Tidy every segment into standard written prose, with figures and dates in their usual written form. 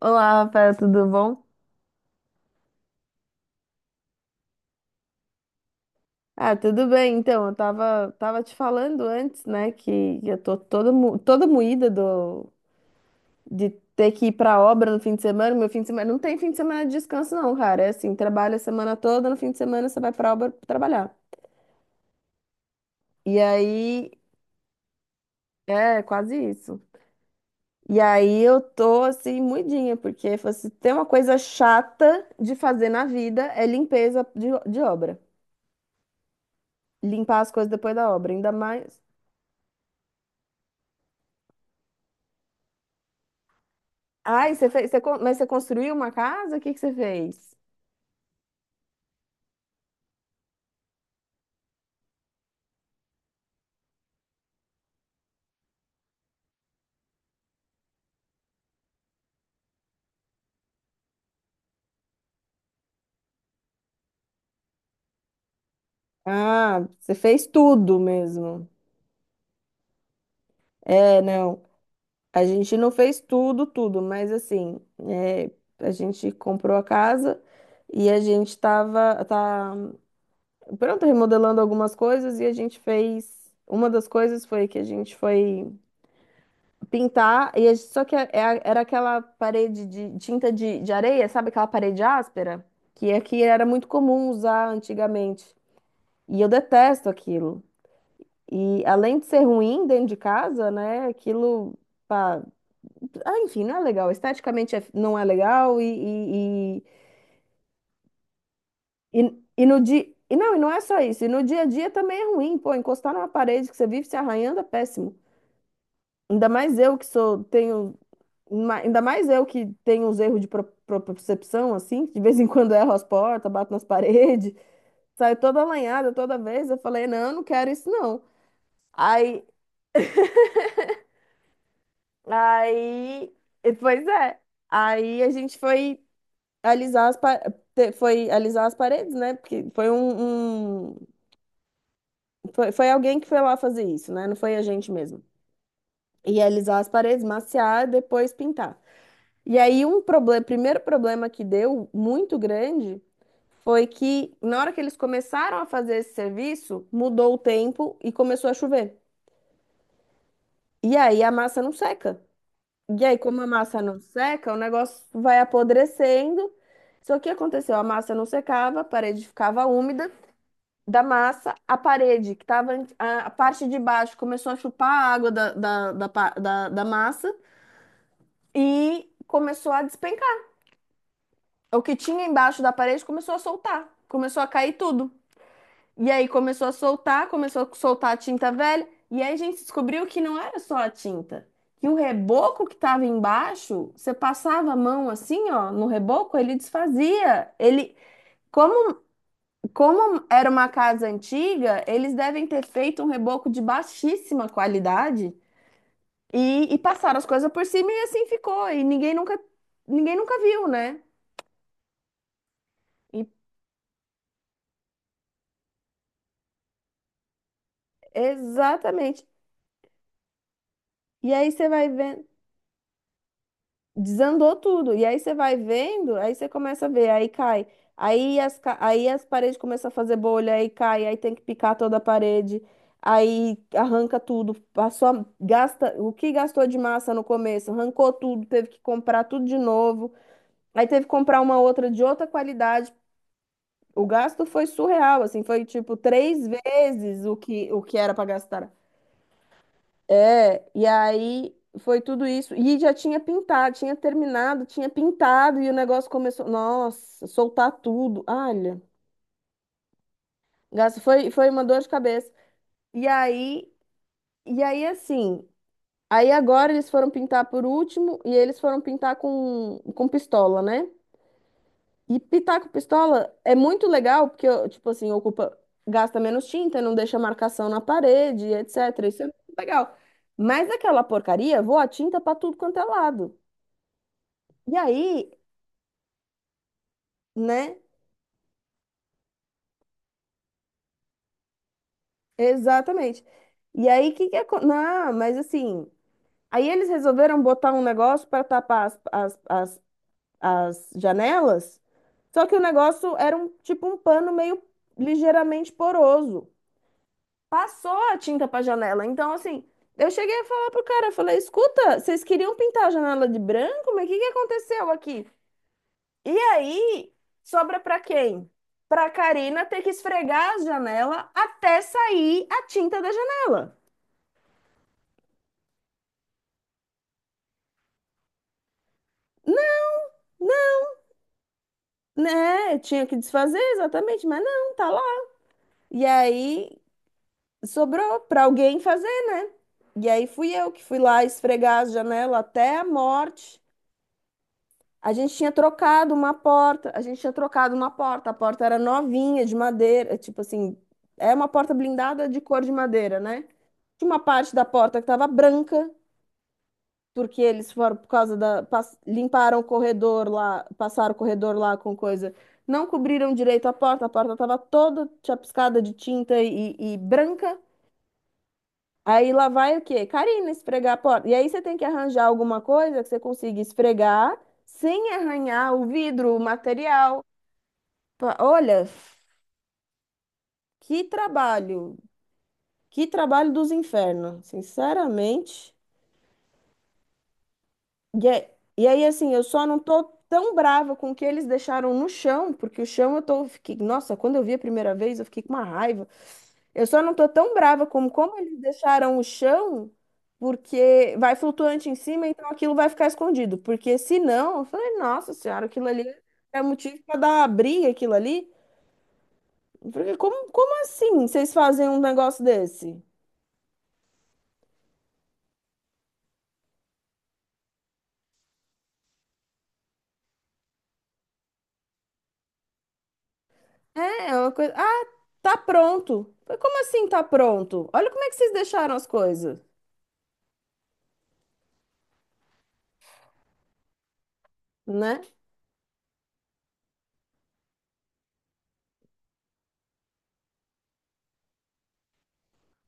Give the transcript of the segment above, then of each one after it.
Olá, Rafael, tudo bom? Ah, tudo bem. Então, eu tava te falando antes, né, que eu tô toda moída de ter que ir pra obra no fim de semana. Meu fim de semana não tem fim de semana de descanso, não, cara. É assim, trabalha a semana toda, no fim de semana você vai pra obra trabalhar. E aí, é quase isso. E aí eu tô assim, moidinha, porque se tem uma coisa chata de fazer na vida é limpeza de obra. Limpar as coisas depois da obra, ainda mais. Ai, você fez, mas você construiu uma casa? O que que você fez? Ah, você fez tudo mesmo. É, não. A gente não fez tudo, tudo, mas assim, é, a gente comprou a casa e a gente tá, pronto, remodelando algumas coisas e a gente fez. Uma das coisas foi que a gente foi pintar, e a gente- só que é- é- era aquela parede de tinta de areia, sabe aquela parede áspera? Que aqui era muito comum usar antigamente. E eu detesto aquilo. E além de ser ruim dentro de casa, né? Aquilo, pá, ah, enfim, não é legal. Não é legal e no dia. E não é só isso. E no dia a dia também é ruim, pô. Encostar numa parede que você vive se arranhando é péssimo. Ainda mais eu que sou, tenho. Ainda mais eu que tenho uns erros de propriocepção, assim, que de vez em quando erro as portas, bato nas paredes, saio toda alanhada toda vez. Eu falei, não, eu não quero isso, não. Aí Aí, Pois é. Aí a gente alisar as pa- foi alisar as paredes, né? Porque foi foi, foi alguém que foi lá fazer isso, né? Não foi a gente mesmo. E alisar as paredes, maciar, e depois pintar. E aí um problema, primeiro problema que deu muito grande foi que na hora que eles começaram a fazer esse serviço, mudou o tempo e começou a chover. E aí a massa não seca. E aí, como a massa não seca, o negócio vai apodrecendo. Só que aconteceu? A massa não secava, a parede ficava úmida. Da massa, a parede, que estava a parte de baixo, começou a chupar a água da massa e começou a despencar. O que tinha embaixo da parede começou a soltar, começou a cair tudo. E aí começou a soltar a tinta velha, e aí a gente descobriu que não era só a tinta, que o reboco que estava embaixo, você passava a mão assim, ó, no reboco, ele desfazia. Como, como era uma casa antiga, eles devem ter feito um reboco de baixíssima qualidade e passaram as coisas por cima e assim ficou, e ninguém nunca viu, né? E- Exatamente. E aí você vai vendo Desandou tudo. E aí você vai vendo, aí você começa a ver, aí cai. Aí as paredes começam a fazer bolha, aí cai, aí tem que picar toda a parede, aí arranca tudo, passou, gasta o que gastou de massa no começo, arrancou tudo, teve que comprar tudo de novo, aí teve que comprar uma outra de outra qualidade. O gasto foi surreal, assim, foi tipo três vezes o que era para gastar. É, e aí foi tudo isso. E já tinha pintado, tinha terminado, tinha pintado, e o negócio começou, nossa, soltar tudo. Olha, foi, foi uma dor de cabeça. E aí, e aí assim, aí agora eles foram pintar por último, e eles foram pintar com pistola, né? E pintar com pistola é muito legal, porque, tipo assim, ocupa, gasta menos tinta, não deixa marcação na parede, etc. Isso é muito legal. Mas aquela porcaria voa tinta pra tudo quanto é lado. E aí, né? Exatamente. E aí, que é... Não, mas assim, aí eles resolveram botar um negócio para tapar as janelas, só que o negócio era um tipo um pano meio ligeiramente poroso. Passou a tinta para janela. Então, assim, eu cheguei a falar pro cara, eu falei, escuta, vocês queriam pintar a janela de branco, mas o que que aconteceu aqui? E aí, sobra para quem? Para a Karina ter que esfregar a janela até sair a tinta da janela. Né? Eu tinha que desfazer exatamente, mas não, tá lá. E aí sobrou para alguém fazer, né? E aí fui eu que fui lá esfregar a janela até a morte. A gente tinha trocado uma porta, a gente tinha trocado uma porta, a porta era novinha, de madeira, tipo assim, é uma porta blindada de cor de madeira, né? Tinha uma parte da porta que estava branca, porque eles foram por causa da limparam o corredor lá, passaram o corredor lá com coisa. Não cobriram direito a porta estava toda chapiscada de tinta e branca. Aí lá vai o quê? Karina esfregar a porta. E aí você tem que arranjar alguma coisa que você consiga esfregar sem arranhar o vidro, o material. Olha, que trabalho, que trabalho dos infernos, sinceramente. E, é- e aí, assim, eu só não tô tão brava com o que eles deixaram no chão, porque o chão eu tô, fiquei, nossa, quando eu vi a primeira vez, eu fiquei com uma raiva. Eu só não tô tão brava como como eles deixaram o chão, porque vai flutuante em cima, então aquilo vai ficar escondido. Porque se não, eu falei, nossa senhora, aquilo ali é motivo pra dar uma briga, aquilo ali. Eu falei, como, como assim vocês fazem um negócio desse? É, é uma coisa. Ah, tá pronto. Eu falei, como assim tá pronto? Olha como é que vocês deixaram as coisas. Né?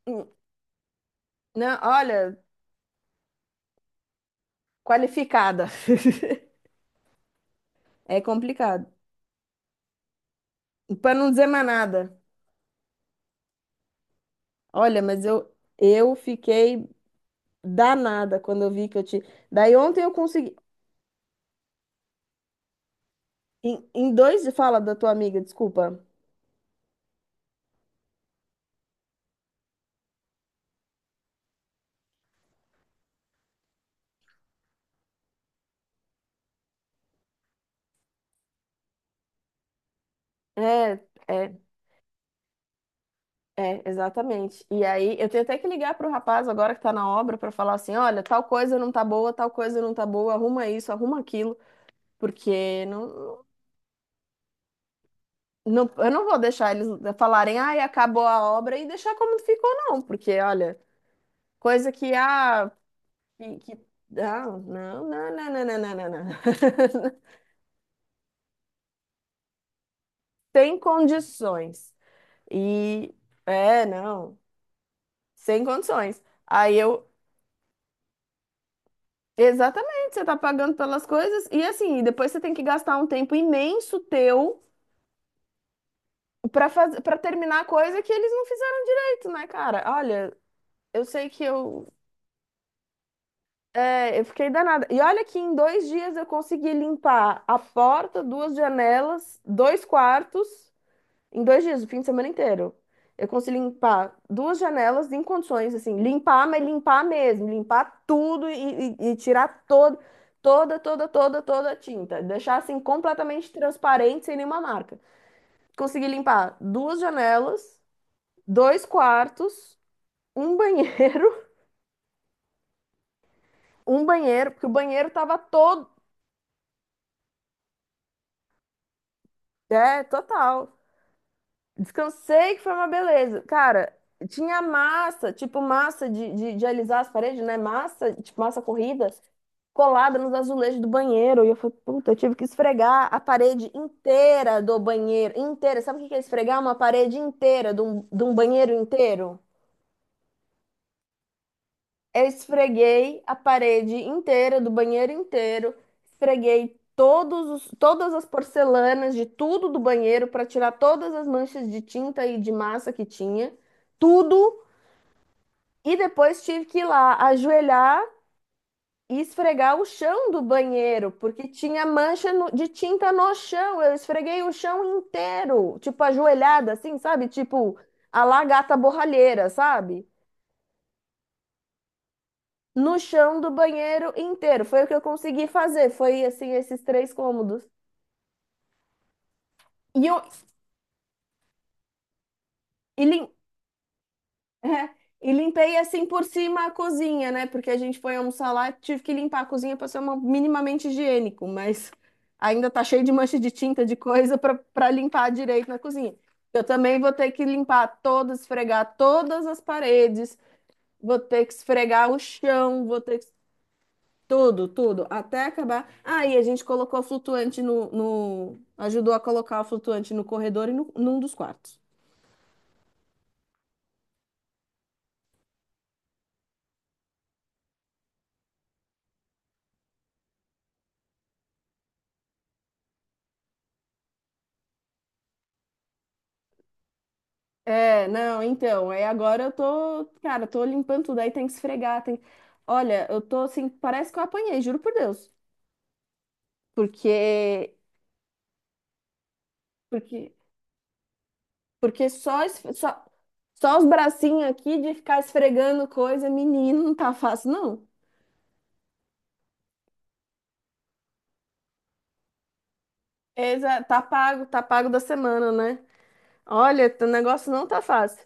Hum, não, olha, qualificada. É complicado. Para não dizer mais nada. Olha, mas eu fiquei danada quando eu vi que eu te. Daí ontem eu consegui. Em dois de fala da tua amiga, desculpa. É, é, é, exatamente. E aí eu tenho até que ligar pro rapaz agora que tá na obra para falar assim: olha, tal coisa não tá boa, tal coisa não tá boa, arruma isso, arruma aquilo, porque não, não, eu não vou deixar eles falarem, ai, acabou a obra e deixar como ficou, não, porque olha. Coisa que, ah, que, não, não, não, não, não, não, não, não, não. Sem condições. E, é, não, sem condições. Aí eu, exatamente, você tá pagando pelas coisas e assim, e depois você tem que gastar um tempo imenso teu pra fazer, para terminar a coisa que eles não fizeram direito, né, cara? Olha, eu sei que eu, é, eu fiquei danada. E olha que em dois dias eu consegui limpar a porta, duas janelas, dois quartos. Em dois dias, o fim de semana inteiro. Eu consegui limpar duas janelas em condições, assim, limpar, mas limpar mesmo, limpar tudo e tirar todo, toda a tinta. Deixar assim completamente transparente, sem nenhuma marca. Consegui limpar duas janelas, dois quartos, um banheiro, um banheiro, porque o banheiro tava todo, é, total. Descansei, que foi uma beleza. Cara, tinha massa, tipo massa de alisar as paredes, né? Massa, tipo massa corrida, colada nos azulejos do banheiro. E eu falei, puta, eu tive que esfregar a parede inteira do banheiro, inteira. Sabe o que que é esfregar? Uma parede inteira de um banheiro inteiro. Eu esfreguei a parede inteira, do banheiro inteiro, esfreguei todas as porcelanas de tudo do banheiro para tirar todas as manchas de tinta e de massa que tinha, tudo. E depois tive que ir lá ajoelhar e esfregar o chão do banheiro, porque tinha mancha de tinta no chão. Eu esfreguei o chão inteiro, tipo ajoelhada, assim, sabe? Tipo a lá gata borralheira, sabe? No chão do banheiro inteiro. Foi o que eu consegui fazer. Foi assim, esses três cômodos. E eu e, lim- É, e limpei assim por cima a cozinha, né? Porque a gente foi almoçar lá, tive que limpar a cozinha para ser minimamente higiênico, mas ainda tá cheio de mancha de tinta, de coisa para limpar direito na cozinha. Eu também vou ter que limpar todas, esfregar todas as paredes, vou ter que esfregar o chão, vou ter que tudo, tudo, até acabar. Ah, e a gente colocou flutuante no, no... ajudou a colocar o flutuante no corredor e no, num dos quartos. É, não, então, aí agora eu tô, cara, tô limpando tudo, aí tem que esfregar, tem... Olha, eu tô assim, parece que eu apanhei, juro por Deus. Porque, porque, porque só, só os bracinhos aqui de ficar esfregando coisa, menino, não tá fácil, não. Exa, tá pago da semana, né? Olha, o negócio não tá fácil.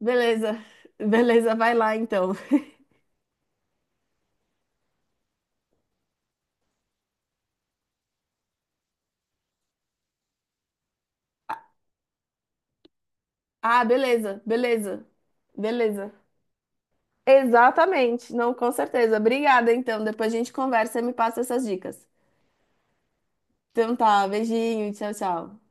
Beleza. Beleza, vai lá então. Ah, beleza, beleza. Beleza. Exatamente. Não, com certeza. Obrigada, então. Depois a gente conversa e me passa essas dicas. Então tá, beijinho, tchau, tchau.